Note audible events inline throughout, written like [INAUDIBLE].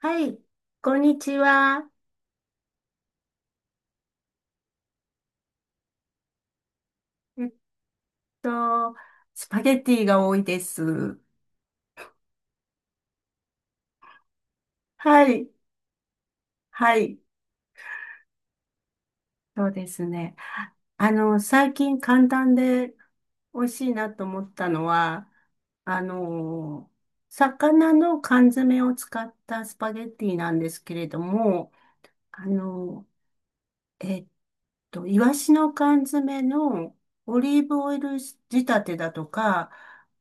はい、こんにちは。えっと、スパゲティが多いです。はい、はい、そうですね。最近簡単で美味しいなと思ったのは、あの、魚の缶詰を使ったスパゲティなんですけれども、あの、えっイワシの缶詰のオリーブオイル仕立てだとか、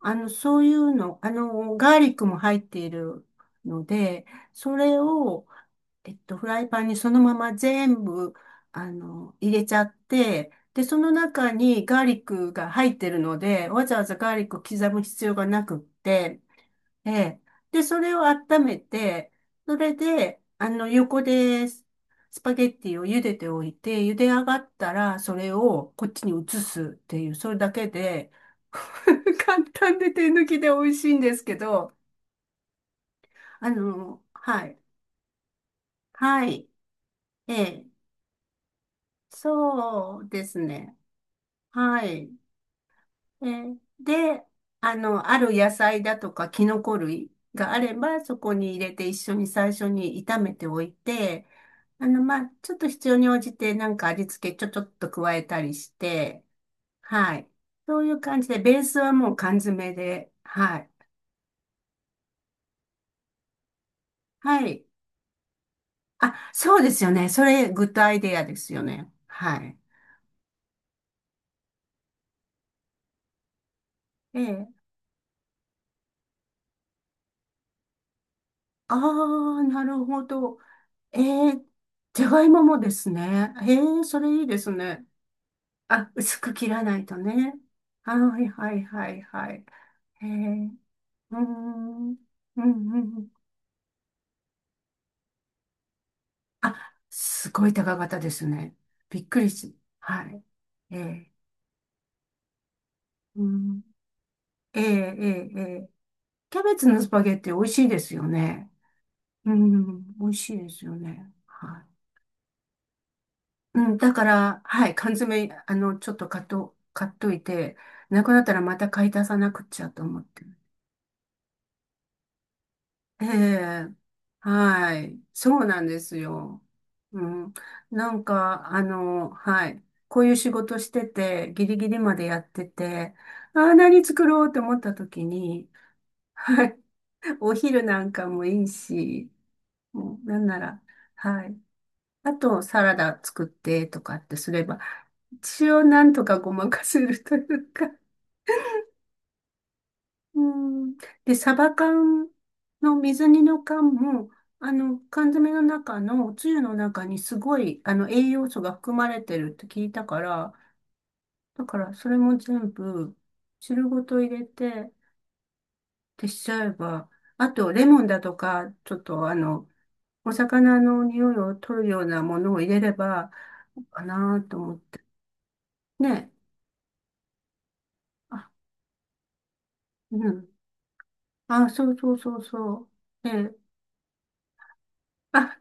そういうの、ガーリックも入っているので、それを、フライパンにそのまま全部、入れちゃって、で、その中にガーリックが入ってるので、わざわざガーリックを刻む必要がなくって、ええ。で、それを温めて、それで、横でスパゲッティを茹でておいて、茹で上がったら、それをこっちに移すっていう、それだけで、[LAUGHS] 簡単で手抜きで美味しいんですけど、はい。はい。ええ。そうですね。はい。で、ある野菜だとかキノコ類があれば、そこに入れて一緒に最初に炒めておいて、まあ、ちょっと必要に応じてなんか味付けちょっと加えたりして、はい。そういう感じで、ベースはもう缶詰で、はい。はい。あ、そうですよね。それ、グッドアイデアですよね。はい。ええ。ああ、なるほど。ええ、じゃがいももですね。ええ、それいいですね。あ、薄く切らないとね。はいはいはいはい。へえ、うーん、うん、うん。あ、すごい高かったですね。びっくりし、はい。ええ、うん、ええ、ええ、ええ、キャベツのスパゲッティ美味しいですよね。うん、美味しいですよね。はい。うん、だから、はい、缶詰、ちょっと買っといて、なくなったらまた買い足さなくっちゃと思って。ええ、はい、そうなんですよ。うん、なんか、はい、こういう仕事してて、ギリギリまでやってて、ああ、何作ろうと思った時に、はい、[LAUGHS] お昼なんかもいいし、もう、なんなら、はい、あと、サラダ作ってとかってすれば、一応なんとかごまかせるというか、うん。で、サバ缶の水煮の缶も、缶詰の中のおつゆの中にすごい、栄養素が含まれてるって聞いたから、だからそれも全部汁ごと入れてってしちゃえば、あとレモンだとか、ちょっとお魚の匂いを取るようなものを入れれば、かなと思って。ね。あ、うん。あ、そうそうそうそう。ね。あ、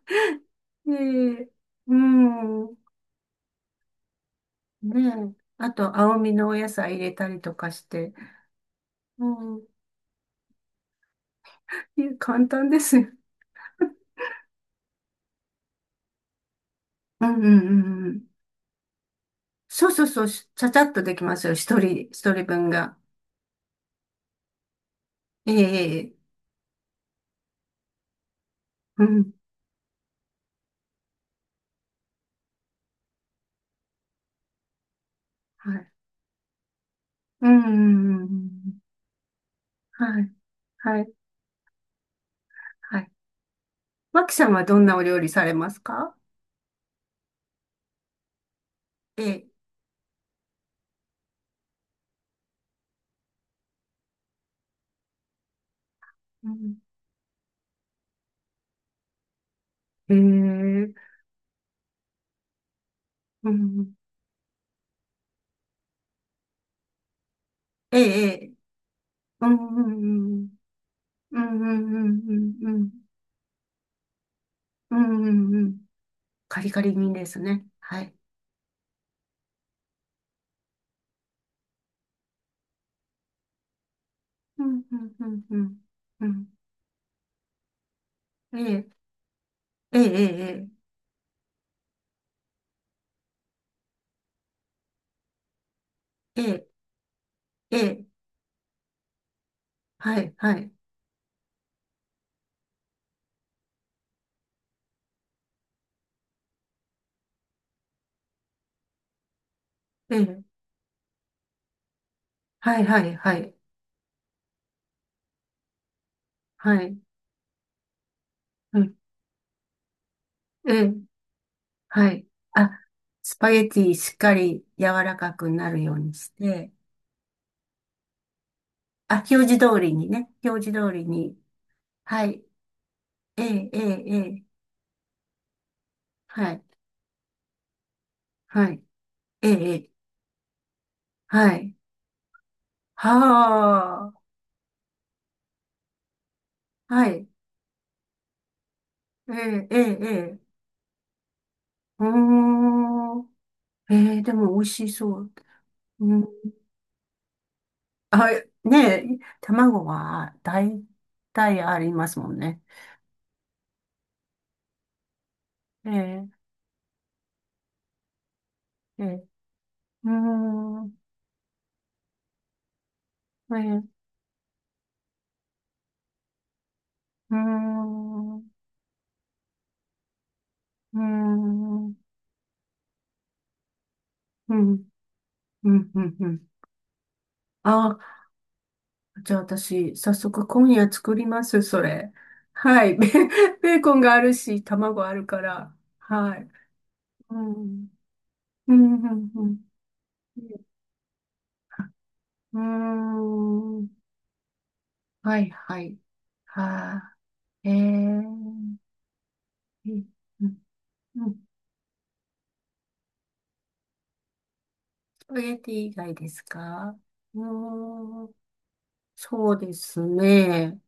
ねえ、うん。ねえ。あと、青みのお野菜入れたりとかして。うん。いや簡単ですよ。うんうんうんうん。そうそうそう。しちゃちゃっとできますよ。一人分が。ええ、ええ、うん。はい。うんうんうんうん。はい。はい。はい。マキさんはどんなお料理されますか？ええ。うん。ええ。うん。ええ。ええ、うんうんうん。うんうんうんうん。うんうんうんうん。カリカリにですね。はい。うん、うん、うん、うん。うん、ええ、ええ、ええ、ええ、ええ、はい、はい、ええ、はい、はい、はい、はい、うん、ええ、はい。あ、スパゲティしっかり柔らかくなるようにして、あ、表示通りにね、表示通りに、はい、ええ、ええ、ええ、はい、はい、ええ、ええ、はい、はあ、はい、ええ、ええ、ええ、うーん、ええ、でも美味しそう。あ、ねえ、卵は大体ありますもんね。ええ、ええ、うーん、ええ、うーん、うーん、うん、うん、うん、うん。あ、じゃあ私、早速今夜作ります、それ。はい。[LAUGHS] ベーコンがあるし、卵あるから。はい。うん、うん、うん、うん。うーん。はい、はい。はあ、ええ。うんうん、スパゲティ以外ですか？うーん、そうですね。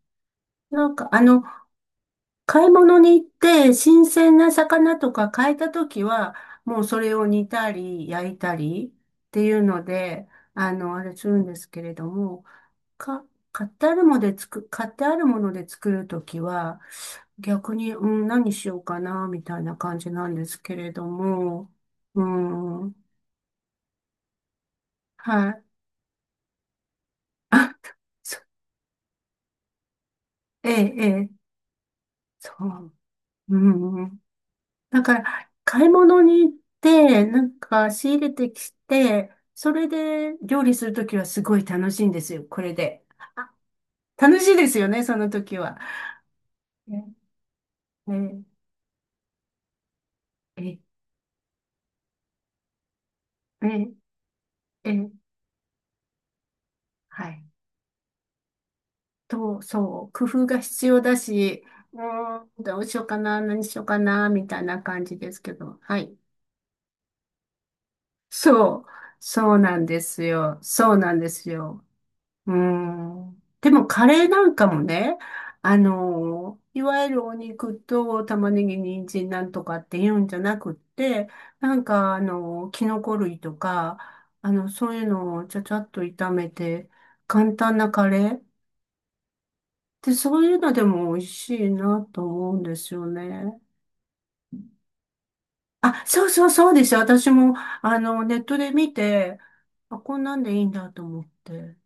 なんか、買い物に行って、新鮮な魚とか買えたときは、もうそれを煮たり、焼いたりっていうので、あれするんですけれども、か、買ってあるもので作るときは、逆に、うん、何しようかな、みたいな感じなんですけれども、うん、はい。あ、そ [LAUGHS] ええ、ええ。そう。うん、だから、買い物に行って、なんか仕入れてきて、それで料理するときはすごい楽しいんですよ、これで。あ、楽しいですよね、その時は。え、え、え、え、え、はい。と、そう、工夫が必要だし、うーん、どうしようかな、何しようかな、みたいな感じですけど、はい。そう、そうなんですよ。そうなんですよ。うーん。でもカレーなんかもね、いわゆるお肉と玉ねぎ、人参なんとかって言うんじゃなくって、なんかキノコ類とか、そういうのをちゃちゃっと炒めて、簡単なカレーってそういうのでも美味しいなと思うんですよね。あ、そうそうそうです。私も、ネットで見て、あ、こんなんでいいんだと思って。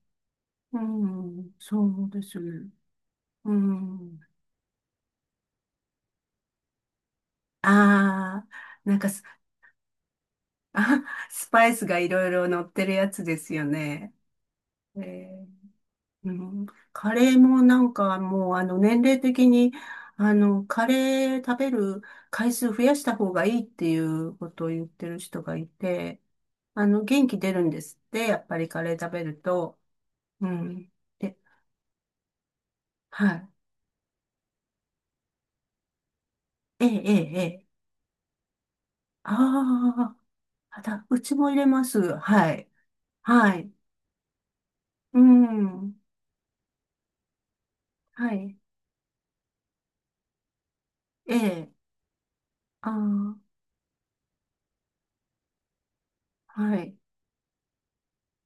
うん、そうですね。うん。ああ、なんかスパイスがいろいろ乗ってるやつですよね。えーうん、カレーもなんかもう年齢的にカレー食べる回数増やした方がいいっていうことを言ってる人がいて、元気出るんですって、やっぱりカレー食べると。うん。で、はい。ええ、ええ、ええ。あーあ、うちも入れます。はい。はい。うん。はい。ええ。ああ。はい。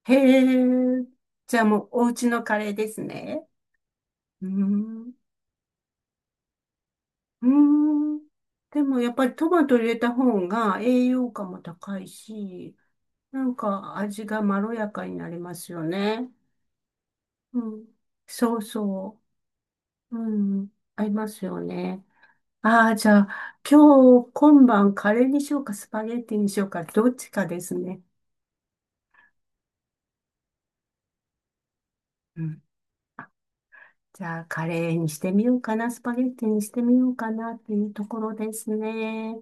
へえ。じゃあもうお家のカレーですね。うーん。うーん。でもやっぱりトマト入れた方が栄養価も高いし、なんか味がまろやかになりますよね。うん。そうそう。うん。合いますよね。ああ、じゃあ今日今晩カレーにしようかスパゲッティにしようかどっちかですね。うん。じゃあカレーにしてみようかな、スパゲッティにしてみようかなっていうところですね。